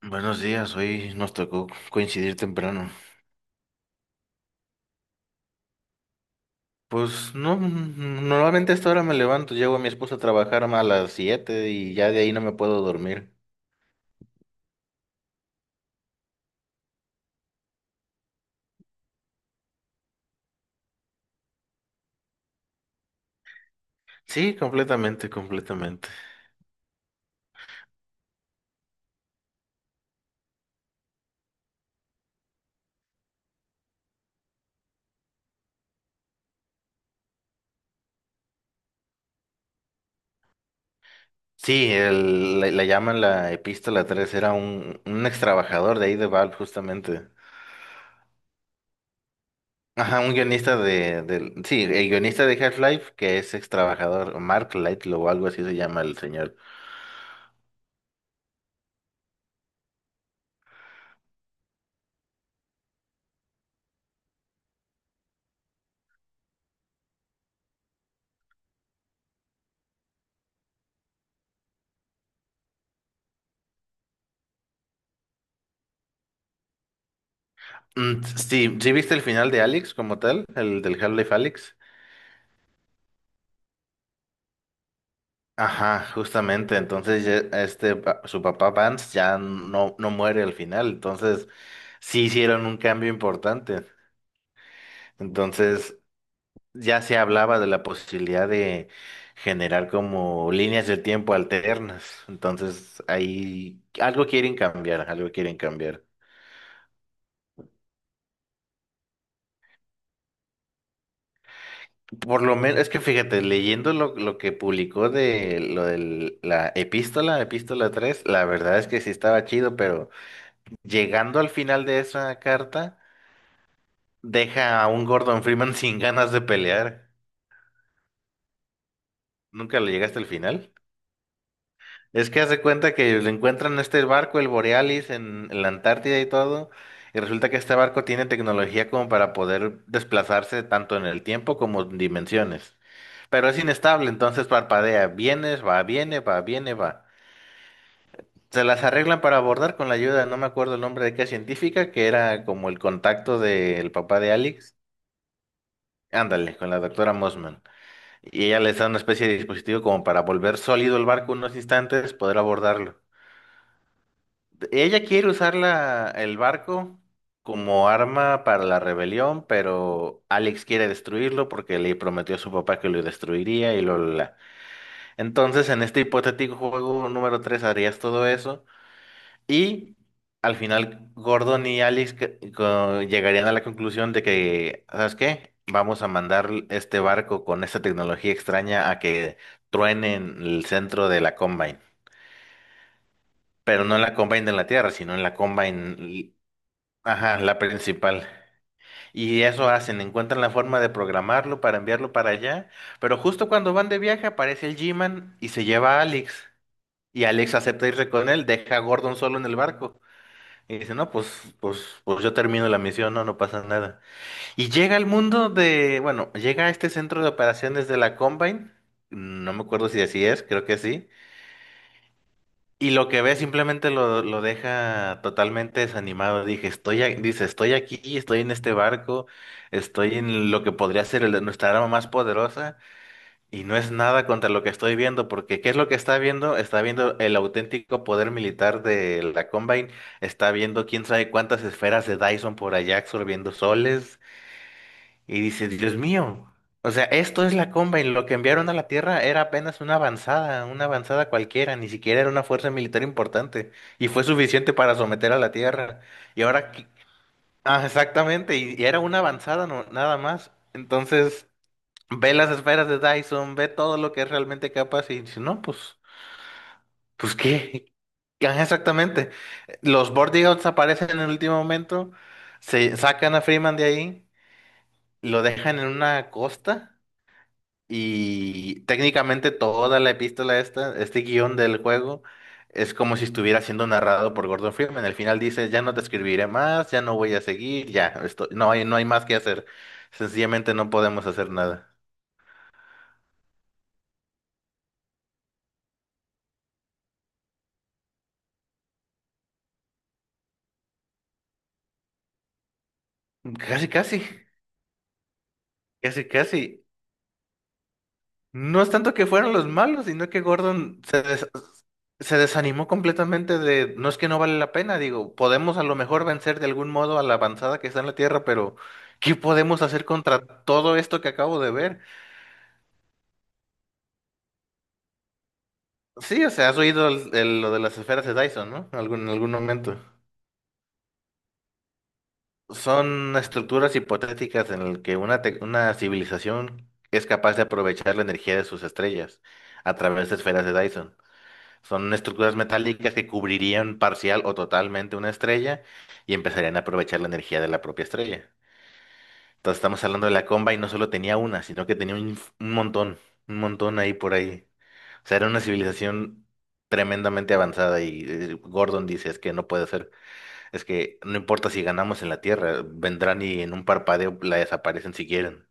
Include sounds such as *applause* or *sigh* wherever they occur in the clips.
Buenos días, hoy nos tocó coincidir temprano. Pues no, normalmente a esta hora me levanto, llevo a mi esposa a trabajar a las 7 y ya de ahí no me puedo dormir. Sí, completamente, completamente. Sí, le llaman la Epístola 3, era un ex trabajador de ahí de Valve justamente. Ajá, un guionista de el guionista de Half-Life que es ex trabajador, Mark Lightlow o algo así se llama el señor. Mm, sí, ¿sí viste el final de Alex como tal? El del Half-Life Alyx. Ajá, justamente. Entonces, ya, su papá Vance ya no muere al final. Entonces, sí hicieron un cambio importante. Entonces, ya se hablaba de la posibilidad de generar como líneas del tiempo alternas. Entonces, ahí algo quieren cambiar, algo quieren cambiar. Por lo menos, es que fíjate, leyendo lo que publicó de lo de la epístola tres, la verdad es que sí estaba chido, pero llegando al final de esa carta, deja a un Gordon Freeman *laughs* sin ganas de pelear. Nunca le llegaste al final. Es que hace cuenta que le encuentran este barco, el Borealis, en la Antártida y todo, y resulta que este barco tiene tecnología como para poder desplazarse tanto en el tiempo como en dimensiones. Pero es inestable, entonces parpadea, vienes, va, viene, va, viene, va. Se las arreglan para abordar con la ayuda, no me acuerdo el nombre de qué científica, que era como el contacto del papá de Alex. Ándale, con la doctora Mossman. Y ella les da una especie de dispositivo como para volver sólido el barco unos instantes, poder abordarlo. Ella quiere usar el barco como arma para la rebelión, pero Alex quiere destruirlo porque le prometió a su papá que lo destruiría y lo la. Entonces, en este hipotético juego número 3, harías todo eso, y al final Gordon y Alex llegarían a la conclusión de que, ¿sabes qué? Vamos a mandar este barco con esta tecnología extraña a que truene en el centro de la Combine. Pero no en la Combine de la Tierra, sino en la Combine, ajá, la principal. Y eso hacen, encuentran la forma de programarlo para enviarlo para allá. Pero justo cuando van de viaje aparece el G-Man y se lleva a Alex. Y Alex acepta irse con él, deja a Gordon solo en el barco. Y dice, no, pues yo termino la misión, no, no pasa nada. Y llega al mundo de, bueno, llega a este centro de operaciones de la Combine, no me acuerdo si así es, creo que sí. Y lo que ve simplemente lo deja totalmente desanimado. Dije, dice, estoy aquí, estoy en este barco, estoy en lo que podría ser el de nuestra arma más poderosa. Y no es nada contra lo que estoy viendo, porque ¿qué es lo que está viendo? Está viendo el auténtico poder militar de la Combine, está viendo quién sabe cuántas esferas de Dyson por allá absorbiendo soles, y dice, Dios mío, o sea, esto es la Combine, lo que enviaron a la Tierra era apenas una avanzada cualquiera, ni siquiera era una fuerza militar importante, y fue suficiente para someter a la Tierra. Y ahora, ¿qué? Ah, exactamente, y era una avanzada no, nada más. Entonces ve las esferas de Dyson, ve todo lo que es realmente capaz y dice, no, pues qué. Ajá, exactamente. Los Bordigouts aparecen en el último momento, se sacan a Freeman de ahí, lo dejan en una costa y técnicamente toda la epístola esta, este guión del juego, es como si estuviera siendo narrado por Gordon Freeman. Al final dice, ya no te escribiré más, ya no voy a seguir, ya, esto, no hay más que hacer. Sencillamente no podemos hacer nada. Casi, casi, casi, casi. No es tanto que fueron los malos, sino que se desanimó completamente de, no es que no vale la pena, digo, podemos a lo mejor vencer de algún modo a la avanzada que está en la Tierra, pero ¿qué podemos hacer contra todo esto que acabo de ver? Sí, o sea, has oído lo de las esferas de Dyson, ¿no? En algún momento. Son estructuras hipotéticas en las que una civilización es capaz de aprovechar la energía de sus estrellas a través de esferas de Dyson. Son estructuras metálicas que cubrirían parcial o totalmente una estrella y empezarían a aprovechar la energía de la propia estrella. Entonces estamos hablando de la comba y no solo tenía una, sino que tenía un montón ahí por ahí. O sea, era una civilización tremendamente avanzada y Gordon dice, es que no puede ser, es que no importa si ganamos en la Tierra, vendrán y en un parpadeo la desaparecen si quieren.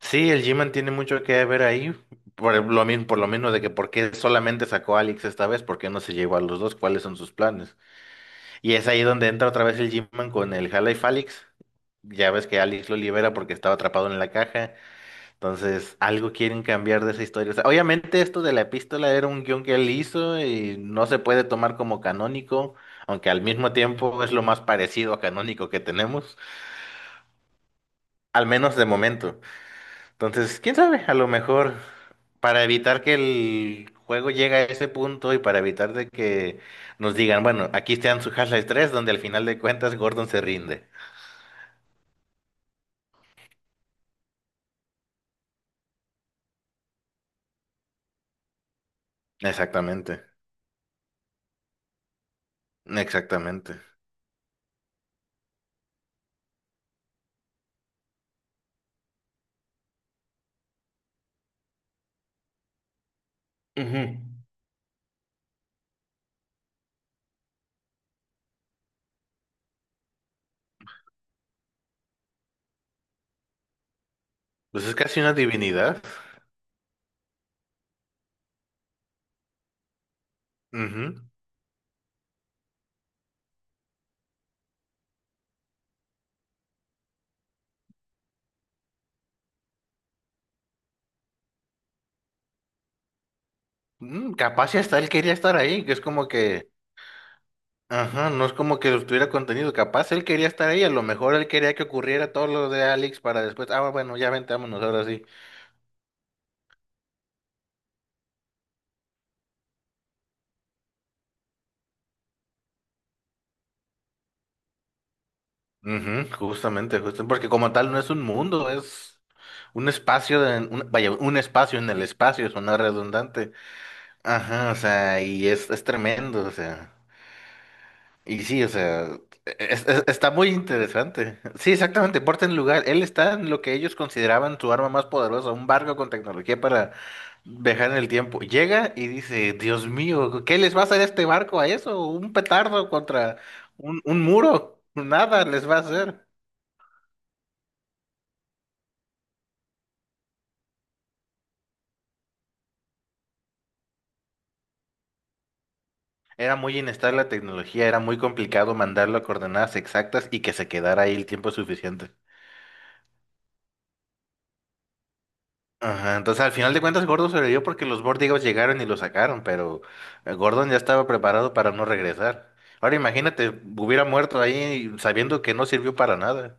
Sí, el G-Man tiene mucho que ver ahí, por lo mismo, por lo menos de que por qué solamente sacó a Alex esta vez, por qué no se llevó a los dos, cuáles son sus planes. Y es ahí donde entra otra vez el G-Man con el Half-Life Alyx. Ya ves que Alex lo libera porque estaba atrapado en la caja, entonces algo quieren cambiar de esa historia. O sea, obviamente esto de la epístola era un guión que él hizo y no se puede tomar como canónico, aunque al mismo tiempo es lo más parecido a canónico que tenemos, al menos de momento. Entonces, quién sabe, a lo mejor para evitar que el juego llegue a ese punto y para evitar de que nos digan, bueno, aquí están su Half-Life 3, donde al final de cuentas Gordon se rinde. Exactamente, exactamente. Ujú. Pues es casi una divinidad. Ujú. Mm, capaz y hasta él quería estar ahí, que es como que, ajá, no es como que tuviera contenido, capaz él quería estar ahí, a lo mejor él quería que ocurriera todo lo de Alex para después, ah, bueno, ya vente, vámonos ahora sí. Ujú, justamente, justo, porque como tal no es un mundo, es un espacio, vaya, un espacio en el espacio, suena redundante. Ajá, o sea, y es tremendo, o sea, y sí, o sea, está muy interesante. Sí, exactamente, porta en lugar, él está en lo que ellos consideraban su arma más poderosa, un barco con tecnología para viajar en el tiempo. Llega y dice, Dios mío, ¿qué les va a hacer este barco a eso? ¿Un petardo contra un muro? Nada les va a hacer. Era muy inestable la tecnología, era muy complicado mandarlo a coordenadas exactas y que se quedara ahí el tiempo suficiente. Ajá, entonces al final de cuentas Gordon sobrevivió porque los Vortigos llegaron y lo sacaron, pero Gordon ya estaba preparado para no regresar. Ahora imagínate, hubiera muerto ahí sabiendo que no sirvió para nada.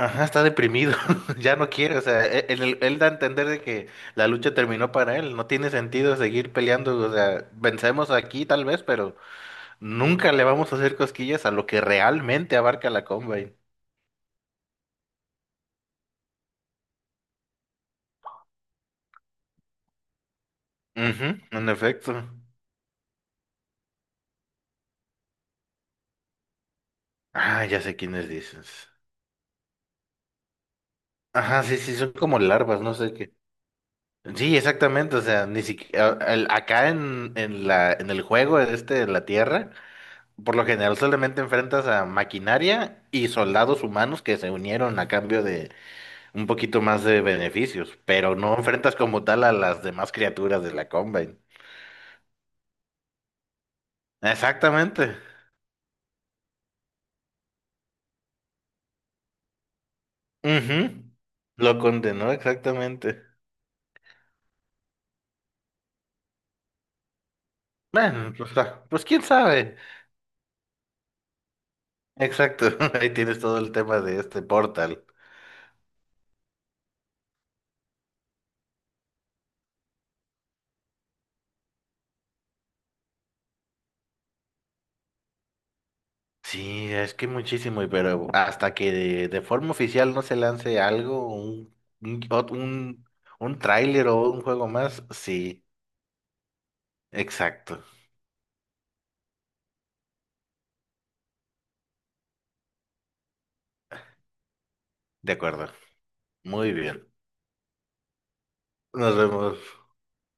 Ajá, está deprimido, *laughs* ya no quiere, o sea, él da a entender de que la lucha terminó para él, no tiene sentido seguir peleando, o sea, vencemos aquí tal vez, pero... Nunca le vamos a hacer cosquillas a lo que realmente abarca la Combine. Ujú, en efecto. Ah, ya sé quiénes dices. Ajá, sí, sí, son como larvas, no sé qué. Sí, exactamente, o sea, ni siquiera el- acá en en el juego este de la Tierra, por lo general solamente enfrentas a maquinaria y soldados humanos que se unieron a cambio de un poquito más de beneficios, pero no enfrentas como tal a las demás criaturas de la Combine. Exactamente. Ujú. Lo condenó exactamente. Bueno, o sea, pues quién sabe. Exacto, *laughs* ahí tienes todo el tema de este portal. Sí, es que muchísimo, y pero hasta que de forma oficial no se lance algo, un, ot- un, un tráiler o un juego más, sí, exacto, de acuerdo. Muy bien, nos vemos.